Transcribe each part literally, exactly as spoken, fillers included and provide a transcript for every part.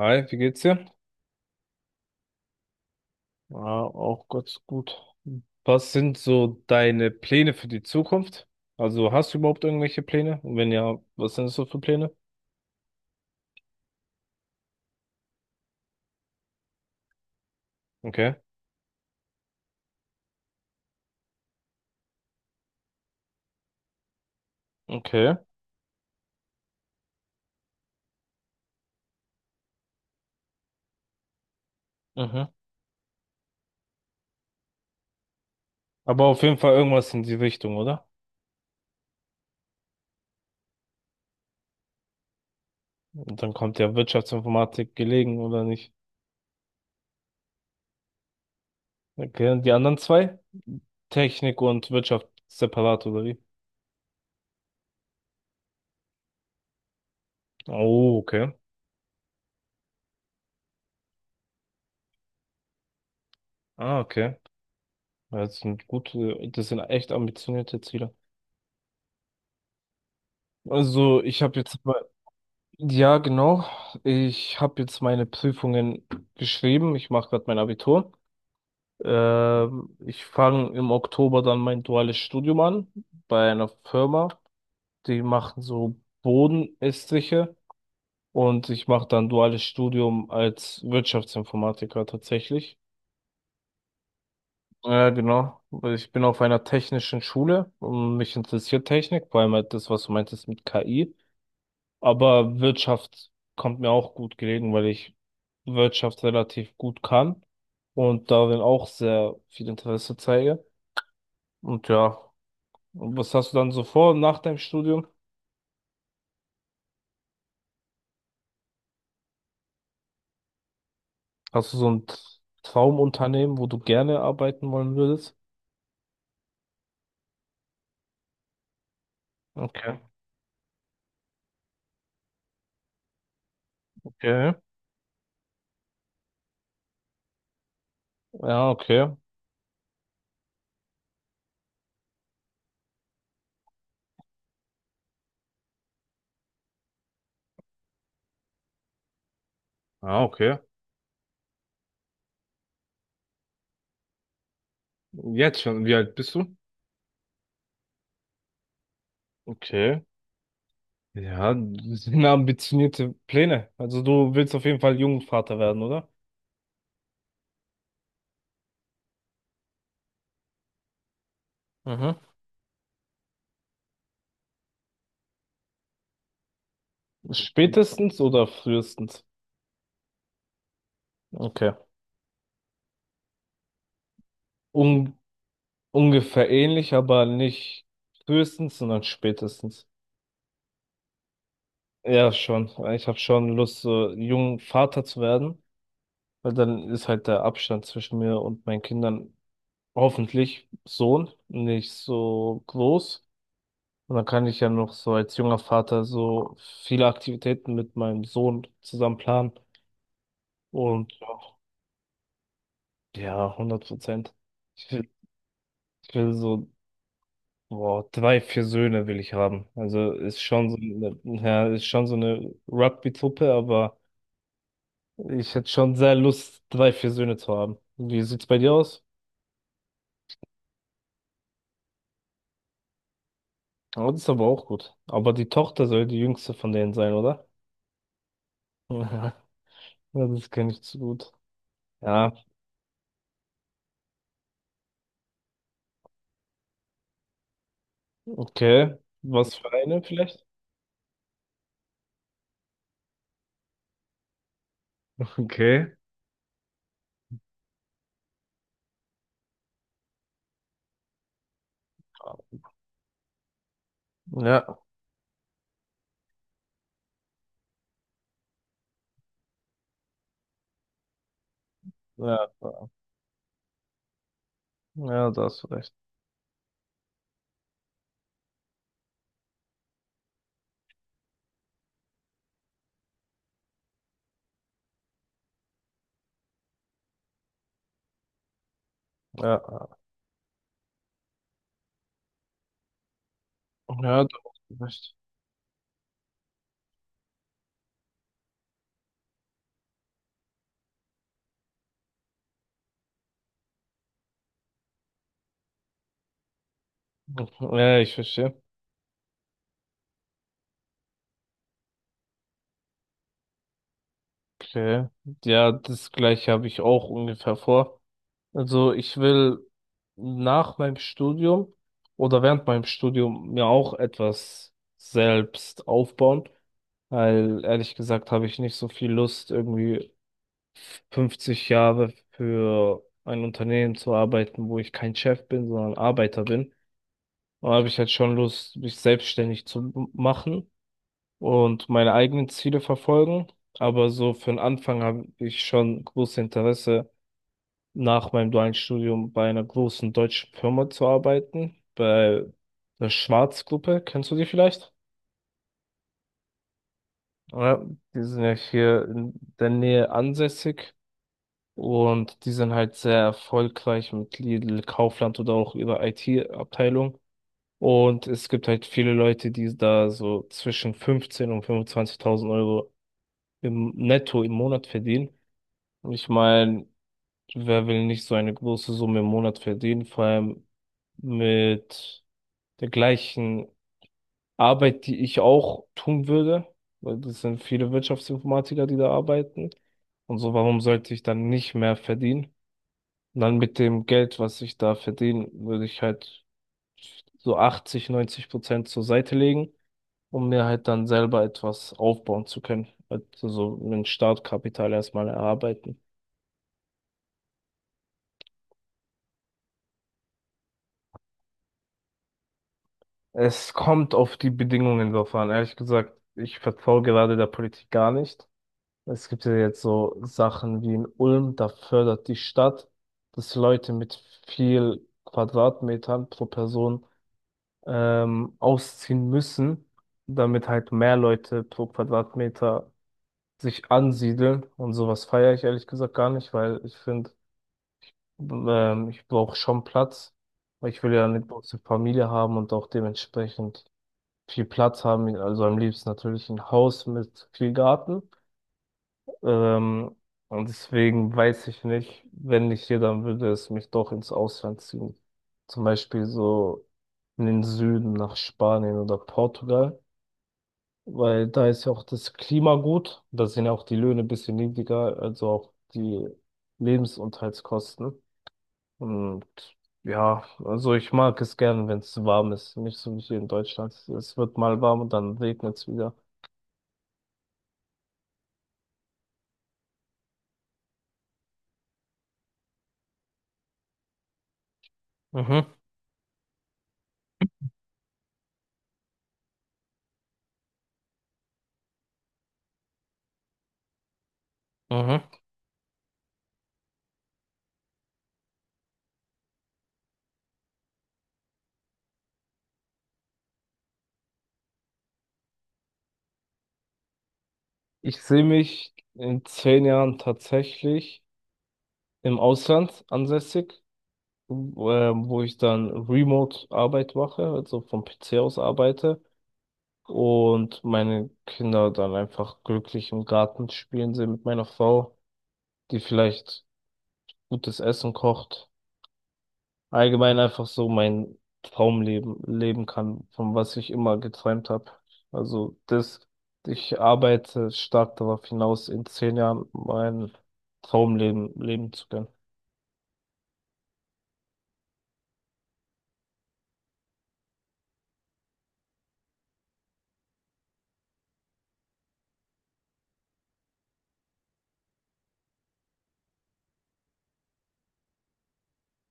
Hi, wie geht's dir? Ja, auch ganz gut. Was sind so deine Pläne für die Zukunft? Also hast du überhaupt irgendwelche Pläne? Und wenn ja, was sind das so für Pläne? Okay, okay, mhm. Aber auf jeden Fall irgendwas in die Richtung, oder? Und dann kommt ja Wirtschaftsinformatik gelegen, oder nicht? Okay, und die anderen zwei? Technik und Wirtschaft separat, oder wie? Oh, okay. Ah, okay. Ja, Das sind gute, das sind echt ambitionierte Ziele. Also, ich habe jetzt. Ja, genau. Ich habe jetzt meine Prüfungen geschrieben. Ich mache gerade mein Abitur. Ähm, ich fange im Oktober dann mein duales Studium an bei einer Firma. Die machen so Bodenestriche und ich mache dann duales Studium als Wirtschaftsinformatiker tatsächlich. Ja, genau. Weil ich bin auf einer technischen Schule und mich interessiert Technik, vor allem halt das, was du meintest mit K I. Aber Wirtschaft kommt mir auch gut gelegen, weil ich Wirtschaft relativ gut kann und darin auch sehr viel Interesse zeige. Und ja, und was hast du dann so vor nach deinem Studium? Hast du so ein Traumunternehmen, wo du gerne arbeiten wollen würdest? Okay, okay. Ja, okay. Ah, okay. Jetzt schon. Wie alt bist du? Okay. Ja, das sind ambitionierte Pläne. Also du willst auf jeden Fall Jungvater werden, oder? Mhm. Spätestens oder frühestens? Okay. Un Ungefähr ähnlich, aber nicht frühestens, sondern spätestens. Ja, schon. Ich habe schon Lust, so jung Vater zu werden, weil dann ist halt der Abstand zwischen mir und meinen Kindern hoffentlich Sohn nicht so groß. Und dann kann ich ja noch so als junger Vater so viele Aktivitäten mit meinem Sohn zusammen planen. Und ja, hundert Prozent. Ich will, ich will so Wow, drei, vier Söhne will ich haben. Also ist schon so eine, ja, ist schon so eine Rugby-Truppe, aber ich hätte schon sehr Lust, drei, vier Söhne zu haben. Wie sieht's bei dir aus? Oh, das ist aber auch gut. Aber die Tochter soll die jüngste von denen sein, oder? Ja, ja, das kenne ich zu gut. Ja, okay. Was für eine vielleicht? Okay. Ja, ja, ja, da hast du recht. Ja, ja, da hast du recht. Ja, ich verstehe. Okay. Ja, das gleiche habe ich auch ungefähr vor. Also ich will nach meinem Studium oder während meinem Studium mir auch etwas selbst aufbauen, weil ehrlich gesagt habe ich nicht so viel Lust, irgendwie fünfzig Jahre für ein Unternehmen zu arbeiten, wo ich kein Chef bin, sondern Arbeiter bin. Da habe ich halt schon Lust, mich selbstständig zu machen und meine eigenen Ziele verfolgen. Aber so für den Anfang habe ich schon großes Interesse, nach meinem dualen Studium bei einer großen deutschen Firma zu arbeiten, bei der Schwarz-Gruppe. Kennst du die vielleicht? Ja, die sind ja hier in der Nähe ansässig und die sind halt sehr erfolgreich mit Lidl, Kaufland oder auch ihrer I T-Abteilung. Und es gibt halt viele Leute, die da so zwischen fünfzehn und fünfundzwanzigtausend Euro im Netto im Monat verdienen. Ich meine, wer will nicht so eine große Summe im Monat verdienen, vor allem mit der gleichen Arbeit, die ich auch tun würde, weil das sind viele Wirtschaftsinformatiker, die da arbeiten. Und so, warum sollte ich dann nicht mehr verdienen? Und dann mit dem Geld, was ich da verdiene, würde ich halt so achtzig, neunzig Prozent zur Seite legen, um mir halt dann selber etwas aufbauen zu können. Also so ein Startkapital erstmal erarbeiten. Es kommt auf die Bedingungen drauf an. Ehrlich gesagt, ich vertraue gerade der Politik gar nicht. Es gibt ja jetzt so Sachen wie in Ulm, da fördert die Stadt, dass Leute mit viel Quadratmetern pro Person ähm, ausziehen müssen, damit halt mehr Leute pro Quadratmeter sich ansiedeln. Und sowas feiere ich ehrlich gesagt gar nicht, weil ich finde, ähm, ich brauche schon Platz. Weil ich will ja eine große Familie haben und auch dementsprechend viel Platz haben, also am liebsten natürlich ein Haus mit viel Garten. Ähm, und deswegen weiß ich nicht, wenn nicht hier, dann würde es mich doch ins Ausland ziehen. Zum Beispiel so in den Süden nach Spanien oder Portugal, weil da ist ja auch das Klima gut, da sind ja auch die Löhne ein bisschen niedriger, also auch die Lebensunterhaltskosten. Und ja, also ich mag es gern, wenn es warm ist, nicht so wie hier in Deutschland. Es wird mal warm und dann regnet es wieder. Mhm. Mhm. Ich sehe mich in zehn Jahren tatsächlich im Ausland ansässig, wo ähm, wo ich dann Remote-Arbeit mache, also vom P C aus arbeite und meine Kinder dann einfach glücklich im Garten spielen sehe mit meiner Frau, die vielleicht gutes Essen kocht. Allgemein einfach so mein Traumleben leben kann, von was ich immer geträumt habe. Also das, ich arbeite stark darauf hinaus, in zehn Jahren mein Traumleben leben zu können.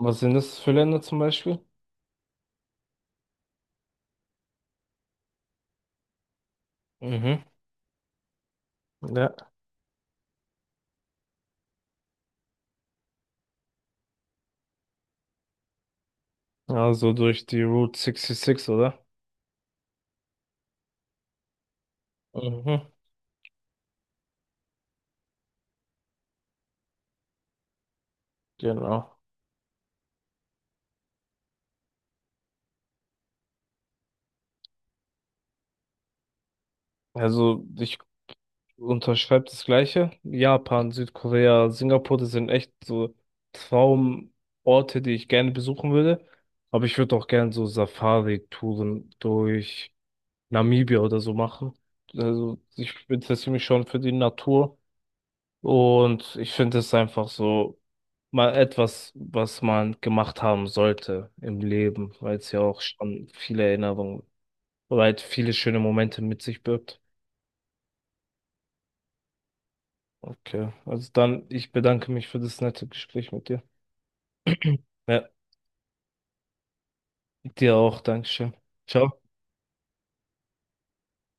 Was sind das für Länder zum Beispiel? Mhm. Ja. Also durch die Route sechsundsechzig, oder? Mhm. Genau. Also ich unterschreibt das Gleiche. Japan, Südkorea, Singapur, das sind echt so Traumorte, die ich gerne besuchen würde. Aber ich würde auch gerne so Safari-Touren durch Namibia oder so machen. Also ich interessiere mich schon für die Natur und ich finde es einfach so mal etwas, was man gemacht haben sollte im Leben, weil es ja auch schon viele Erinnerungen, weil es viele schöne Momente mit sich birgt. Okay, also dann, ich bedanke mich für das nette Gespräch mit dir. Ja, dir auch, Dankeschön. Ciao.